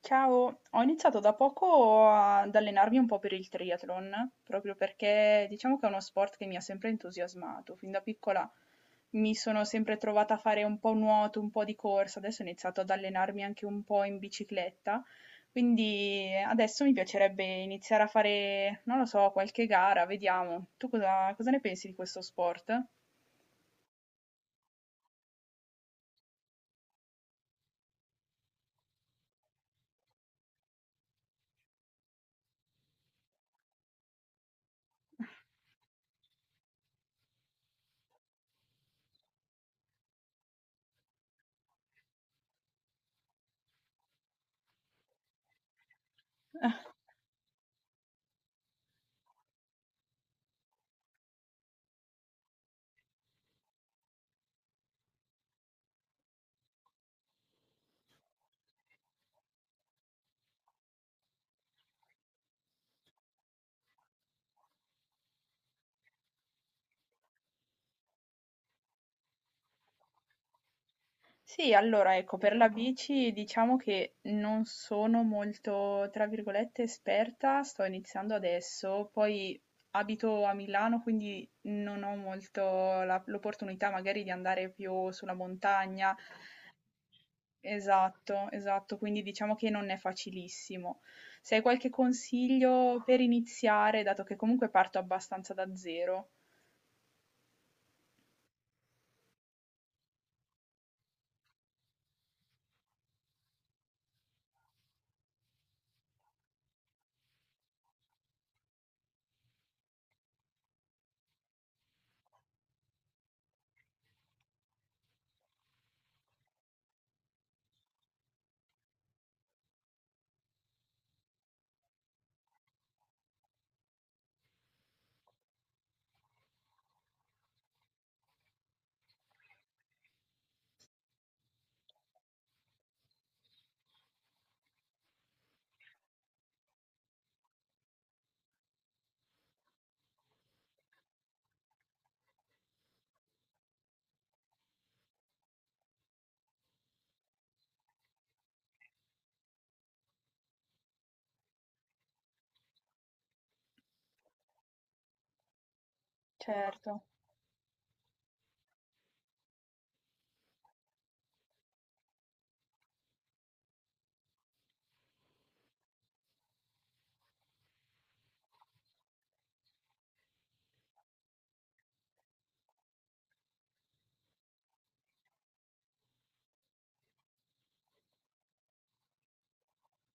Ciao, ho iniziato da poco ad allenarmi un po' per il triathlon, proprio perché diciamo che è uno sport che mi ha sempre entusiasmato. Fin da piccola mi sono sempre trovata a fare un po' nuoto, un po' di corsa, adesso ho iniziato ad allenarmi anche un po' in bicicletta, quindi adesso mi piacerebbe iniziare a fare, non lo so, qualche gara, vediamo. Tu cosa, cosa ne pensi di questo sport? Sì, allora ecco, per la bici diciamo che non sono molto, tra virgolette, esperta, sto iniziando adesso, poi abito a Milano, quindi non ho molto l'opportunità magari di andare più sulla montagna. Esatto, esatto, quindi diciamo che non è facilissimo. Se hai qualche consiglio per iniziare, dato che comunque parto abbastanza da zero, certo,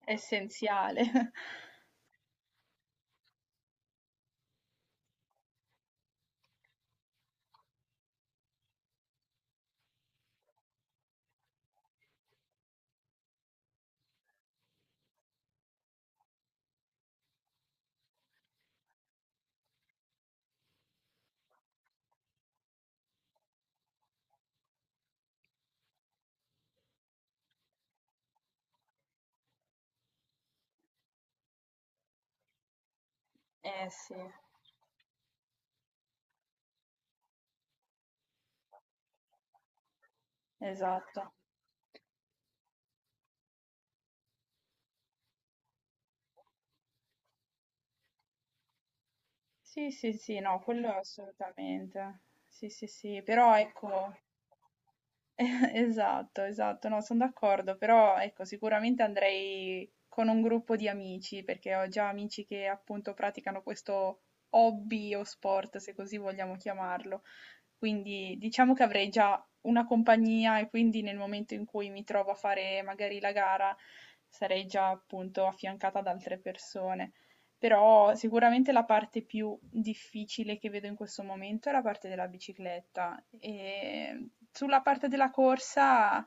è essenziale. Eh sì, esatto. Sì, sì, sì, no, quello assolutamente. Sì, sì, sì, però ecco, esatto, esatto, no, sono d'accordo, però ecco, sicuramente andrei con un gruppo di amici, perché ho già amici che appunto praticano questo hobby o sport, se così vogliamo chiamarlo. Quindi diciamo che avrei già una compagnia e quindi nel momento in cui mi trovo a fare magari la gara sarei già appunto affiancata da altre persone. Però sicuramente la parte più difficile che vedo in questo momento è la parte della bicicletta. E sulla parte della corsa,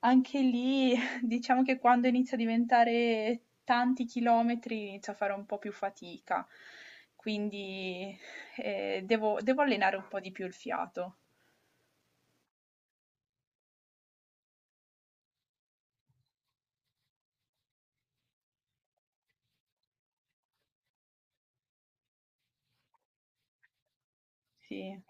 anche lì, diciamo che quando inizia a diventare tanti chilometri inizio a fare un po' più fatica. Quindi devo allenare un po' di più il fiato. Sì,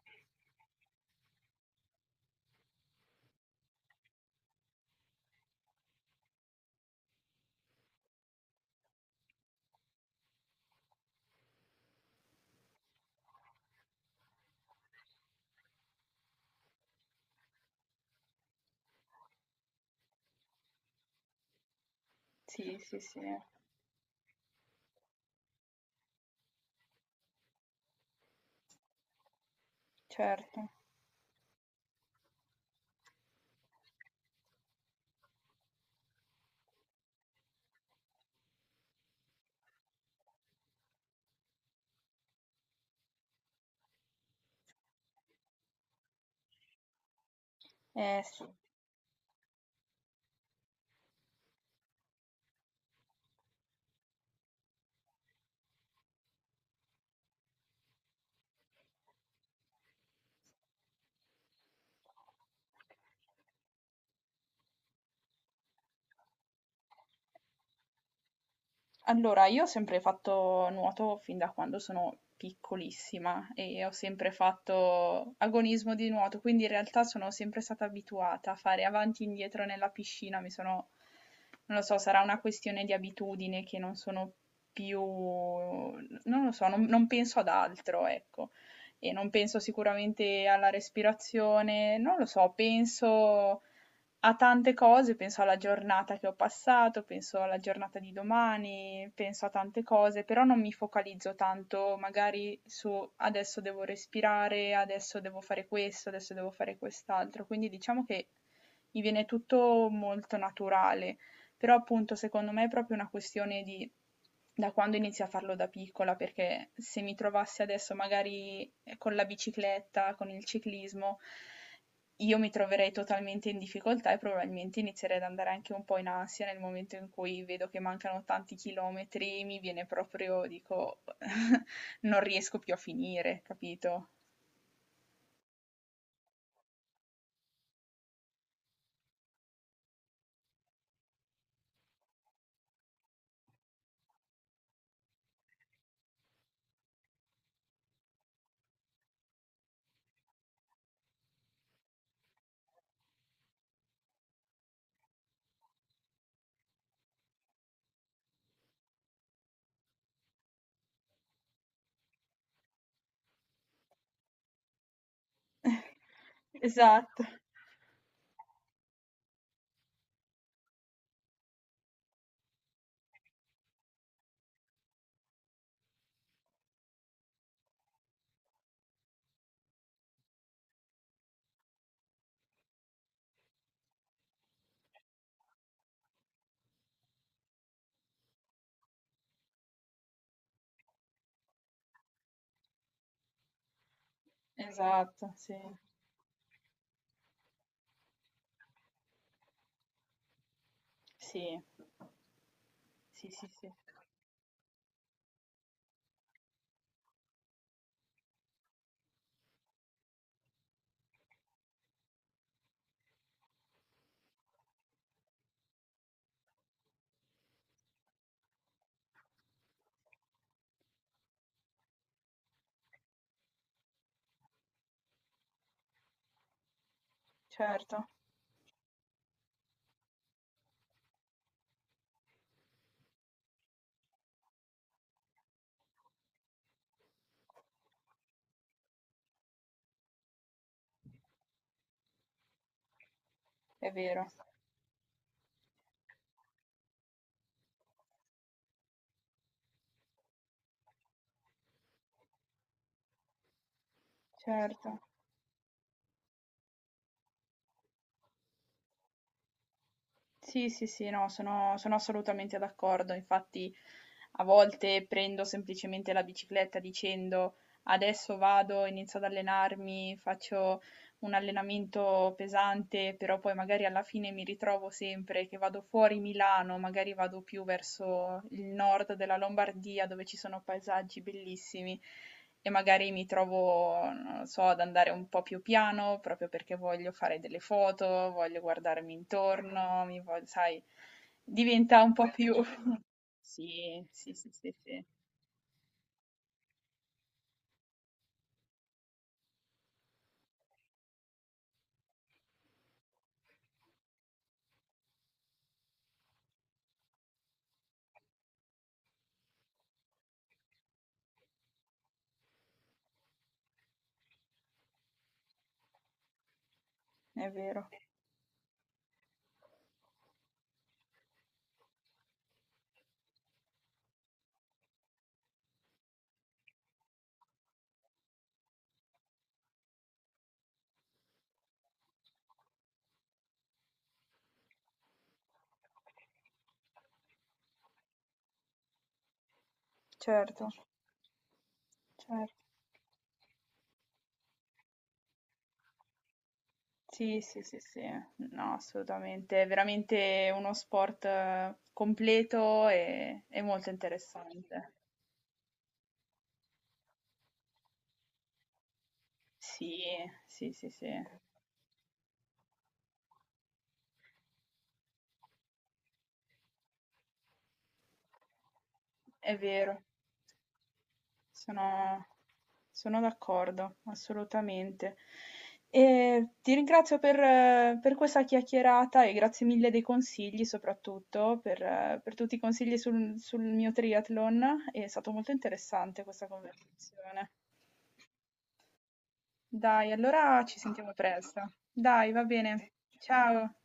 sì, sì, sì, certo. Eh sì. Allora, io ho sempre fatto nuoto fin da quando sono piccolissima e ho sempre fatto agonismo di nuoto, quindi in realtà sono sempre stata abituata a fare avanti e indietro nella piscina, mi sono, non lo so, sarà una questione di abitudine che non sono più, non lo so, non penso ad altro, ecco, e non penso sicuramente alla respirazione, non lo so, penso a tante cose, penso alla giornata che ho passato, penso alla giornata di domani, penso a tante cose, però non mi focalizzo tanto magari su adesso devo respirare, adesso devo fare questo, adesso devo fare quest'altro, quindi diciamo che mi viene tutto molto naturale, però appunto secondo me è proprio una questione di da quando inizio a farlo da piccola, perché se mi trovassi adesso magari con la bicicletta, con il ciclismo, io mi troverei totalmente in difficoltà e probabilmente inizierei ad andare anche un po' in ansia nel momento in cui vedo che mancano tanti chilometri, mi viene proprio, dico, non riesco più a finire, capito? Esatto, esatto, sì, sì, sì, sì, sì, certo, è vero, certo. Sì, sì, sì, no, sono assolutamente d'accordo. Infatti, a volte prendo semplicemente la bicicletta dicendo adesso vado, inizio ad allenarmi, faccio un allenamento pesante, però poi magari alla fine mi ritrovo sempre che vado fuori Milano, magari vado più verso il nord della Lombardia dove ci sono paesaggi bellissimi e magari mi trovo, non lo so, ad andare un po' più piano proprio perché voglio fare delle foto, voglio guardarmi intorno, mi voglio, sai, diventa un po' più... Sì, sì, sì, sì, sì, è vero, certo, certo. Sì, sì, sì, sì, no, assolutamente, è veramente uno sport completo e molto interessante. Sì, sì, sì, sì, è vero, sono, sono d'accordo, assolutamente. E ti ringrazio per questa chiacchierata e grazie mille dei consigli, soprattutto per tutti i consigli sul, sul mio triathlon, è stato molto interessante questa conversazione. Dai, allora ci sentiamo presto. Dai, va bene. Ciao.